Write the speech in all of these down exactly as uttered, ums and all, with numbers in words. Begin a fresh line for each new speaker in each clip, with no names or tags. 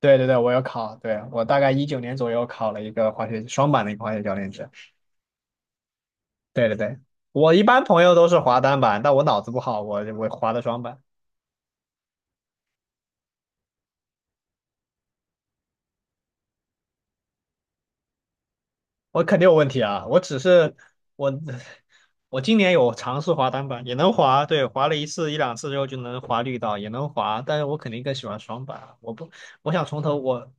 对对对，我有考，对，我大概一九年左右考了一个滑雪双板的一个滑雪教练证。对对对，我一般朋友都是滑单板，但我脑子不好，我我滑的双板，我肯定有问题啊。我只是我 我今年有尝试滑单板，也能滑，对，滑了一次一两次之后就能滑绿道，也能滑，但是我肯定更喜欢双板啊。我不，我想从头我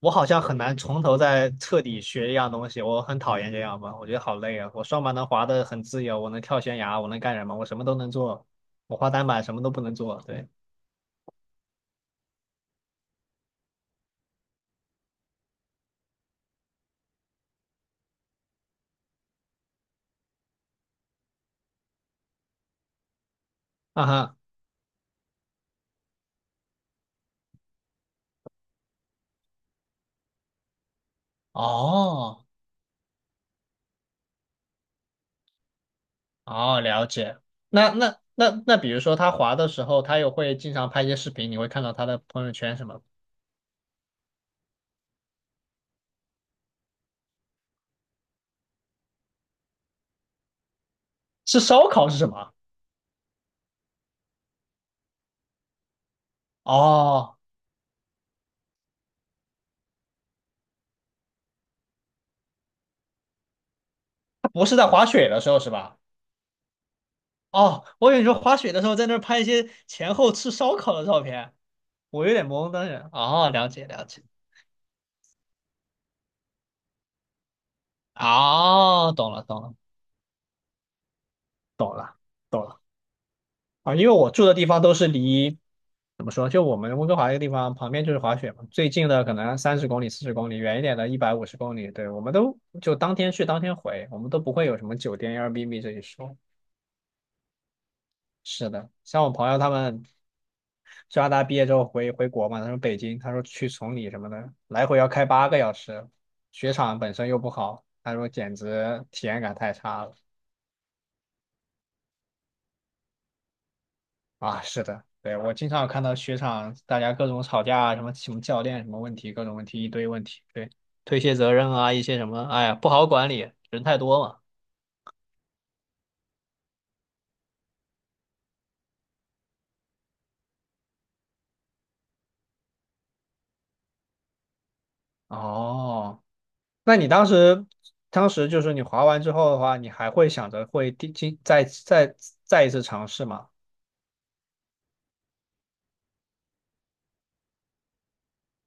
我好像很难从头再彻底学一样东西，我很讨厌这样吧，我觉得好累啊。我双板能滑得很自由，我能跳悬崖，我能干什么？我什么都能做。我滑单板什么都不能做。对，啊哈，哦哦，了解。那那那那，比如说他滑的时候，他又会经常拍一些视频，你会看到他的朋友圈什么？是烧烤是什么？哦，他不是在滑雪的时候是吧？哦，我以为你说滑雪的时候在那儿拍一些前后吃烧烤的照片，我有点懵，当时。哦，了解了解。哦，懂了懂了，懂了，懂了啊，因为我住的地方都是离，怎么说，就我们温哥华这个地方旁边就是滑雪嘛，最近的可能三十公里、四十公里，远一点的一百五十公里，对，我们都就当天去当天回，我们都不会有什么酒店、Airbnb 这一说。是的，像我朋友他们，加拿大毕业之后回回国嘛，他说北京，他说去崇礼什么的，来回要开八个小时，雪场本身又不好，他说简直体验感太差了。啊，是的，对，我经常有看到雪场大家各种吵架啊，什么什么教练什么问题，各种问题一堆问题，对，推卸责任啊，一些什么，哎呀，不好管理，人太多嘛。哦，那你当时，当时就是你滑完之后的话，你还会想着会第今再再再一次尝试吗？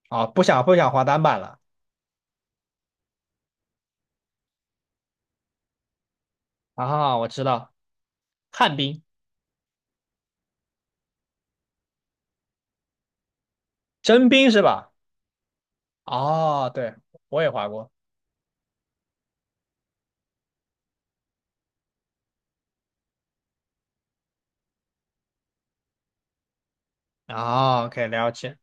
啊，不想不想滑单板了啊，我知道，旱冰、真冰是吧？哦，对，我也滑过。哦，OK，了解，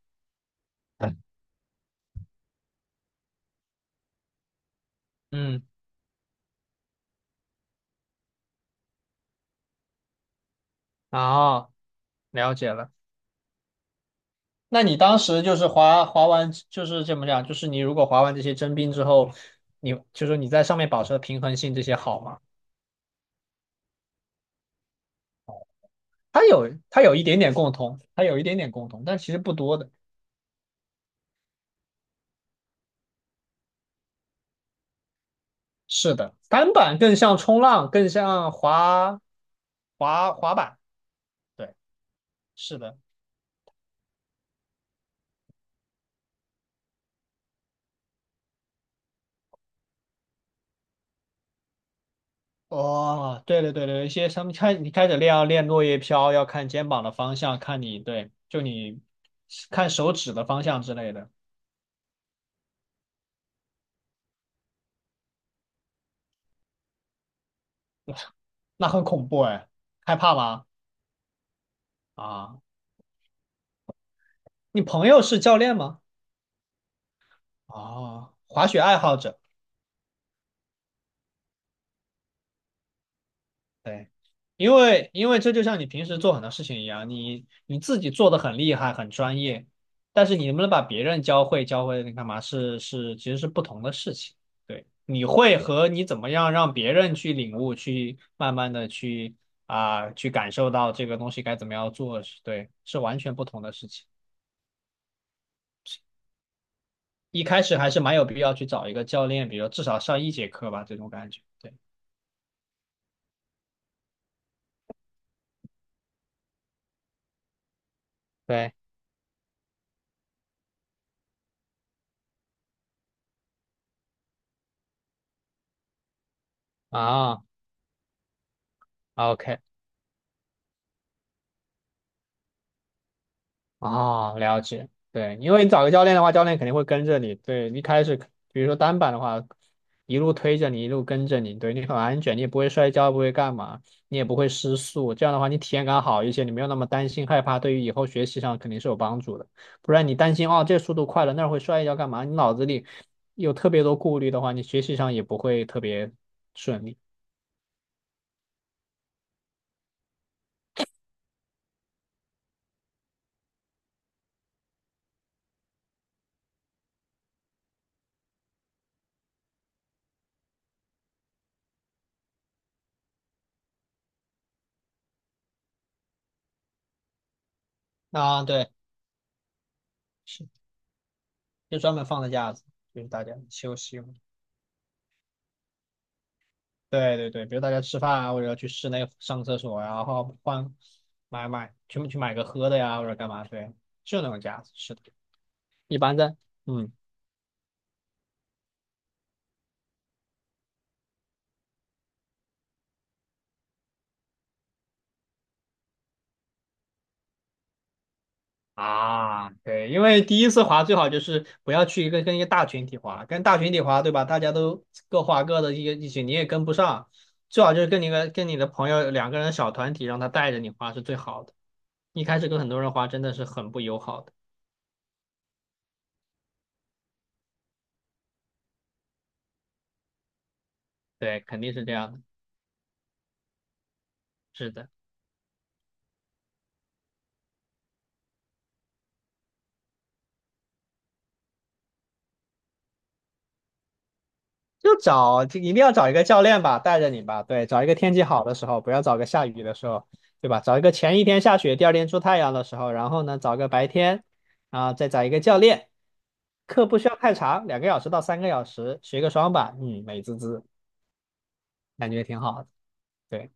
嗯，哦，了解了。那你当时就是滑滑完，就是这么讲？就是你如果滑完这些真冰之后，你就是你在上面保持的平衡性这些好吗？它有它有一点点共同，它有一点点共同，但其实不多的。是的，单板更像冲浪，更像滑滑滑板。对，是的。哦，对对对对，一些他们开你开始练要练落叶飘，要看肩膀的方向，看你对，就你看手指的方向之类的，那很恐怖哎，害怕吗？啊，你朋友是教练吗？哦，滑雪爱好者。对，因为因为这就像你平时做很多事情一样，你你自己做的很厉害、很专业，但是你能不能把别人教会教会你干嘛是是其实是不同的事情。对，你会和你怎么样让别人去领悟、去慢慢的去啊、去感受到这个东西该怎么样做，是对，是完全不同的事情。一开始还是蛮有必要去找一个教练，比如至少上一节课吧，这种感觉。对对啊。OK，哦，了解，对，因为你找个教练的话，教练肯定会跟着你，对，一开始，比如说单板的话，一路推着你，一路跟着你，对你很安全，你也不会摔跤，不会干嘛，你也不会失速，这样的话你体验感好一些，你没有那么担心害怕，对于以后学习上肯定是有帮助的。不然你担心哦，这速度快了，那儿会摔一跤干嘛？你脑子里有特别多顾虑的话，你学习上也不会特别顺利。啊，对，是，就专门放的架子，就是大家休息用。对对对，比如大家吃饭啊，或者去室内上厕所呀、然后换买买，全部去买个喝的呀，或者干嘛？对，就那种架子，是的，一般的，嗯。啊，对，因为第一次滑最好就是不要去一个跟一个大群体滑，跟大群体滑，对吧？大家都各滑各的，一个一起你也跟不上，最好就是跟你个跟你的朋友两个人的小团体，让他带着你滑是最好的。一开始跟很多人滑真的是很不友好的，对，肯定是这样的，是的。就找，就一定要找一个教练吧，带着你吧。对，找一个天气好的时候，不要找个下雨的时候，对吧？找一个前一天下雪，第二天出太阳的时候，然后呢，找个白天，啊，再找一个教练。课不需要太长，两个小时到三个小时，学个双板，嗯，美滋滋，感觉挺好的。对。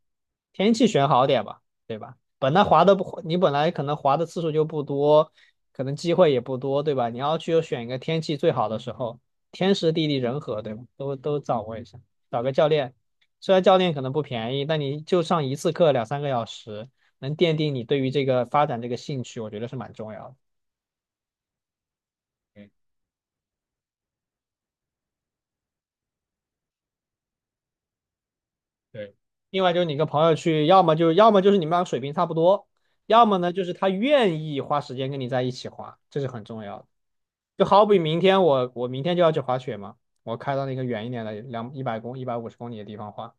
天气选好点吧，对吧？本来滑的不，你本来可能滑的次数就不多，可能机会也不多，对吧？你要去选一个天气最好的时候，天时地利人和，对吧？都都掌握一下，找个教练，虽然教练可能不便宜，但你就上一次课两三个小时，能奠定你对于这个发展这个兴趣，我觉得是蛮重要的。嗯，对，另外就是你跟朋友去，要么就要么就是你们俩水平差不多，要么呢就是他愿意花时间跟你在一起滑，这是很重要的。就好比明天我我明天就要去滑雪嘛，我开到那个远一点的两一百公一百五十公里的地方滑，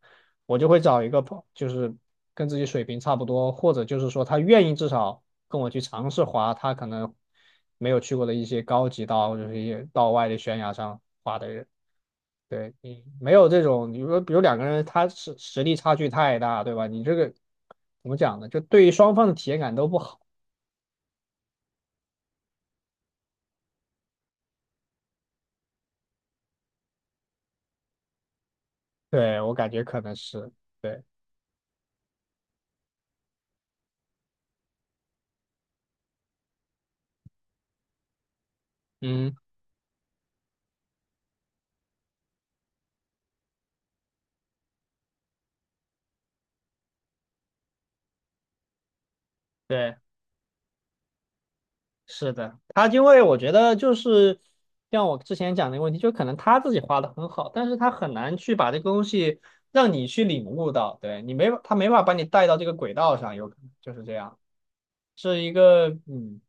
我就会找一个朋，就是跟自己水平差不多，或者就是说他愿意至少跟我去尝试滑，他可能没有去过的一些高级道或者是一些道外的悬崖上滑的人。对你没有这种，你说比如两个人他实实力差距太大，对吧？你这个怎么讲呢？就对于双方的体验感都不好。对，我感觉可能是，对，嗯，对。是的，他因为我觉得就是像我之前讲的一个问题，就可能他自己画的很好，但是他很难去把这个东西让你去领悟到，对你没法他没法把你带到这个轨道上，有可能就是这样，是一个嗯，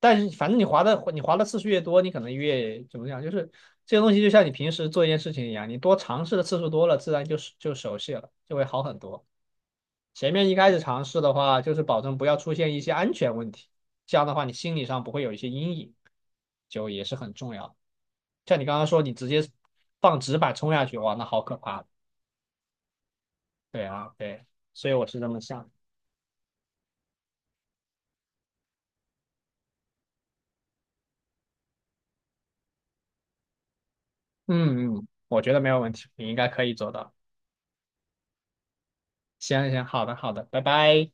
但是反正你划的你划的次数越多，你可能越怎么讲，就是这个东西就像你平时做一件事情一样，你多尝试的次数多了，自然就就熟悉了，就会好很多。前面一开始尝试的话，就是保证不要出现一些安全问题，这样的话你心理上不会有一些阴影，就也是很重要的。像你刚刚说，你直接放纸板冲下去，哇，那好可怕。对啊，对，所以我是这么想的。嗯嗯，我觉得没有问题，你应该可以做到。行行，好的好的，拜拜。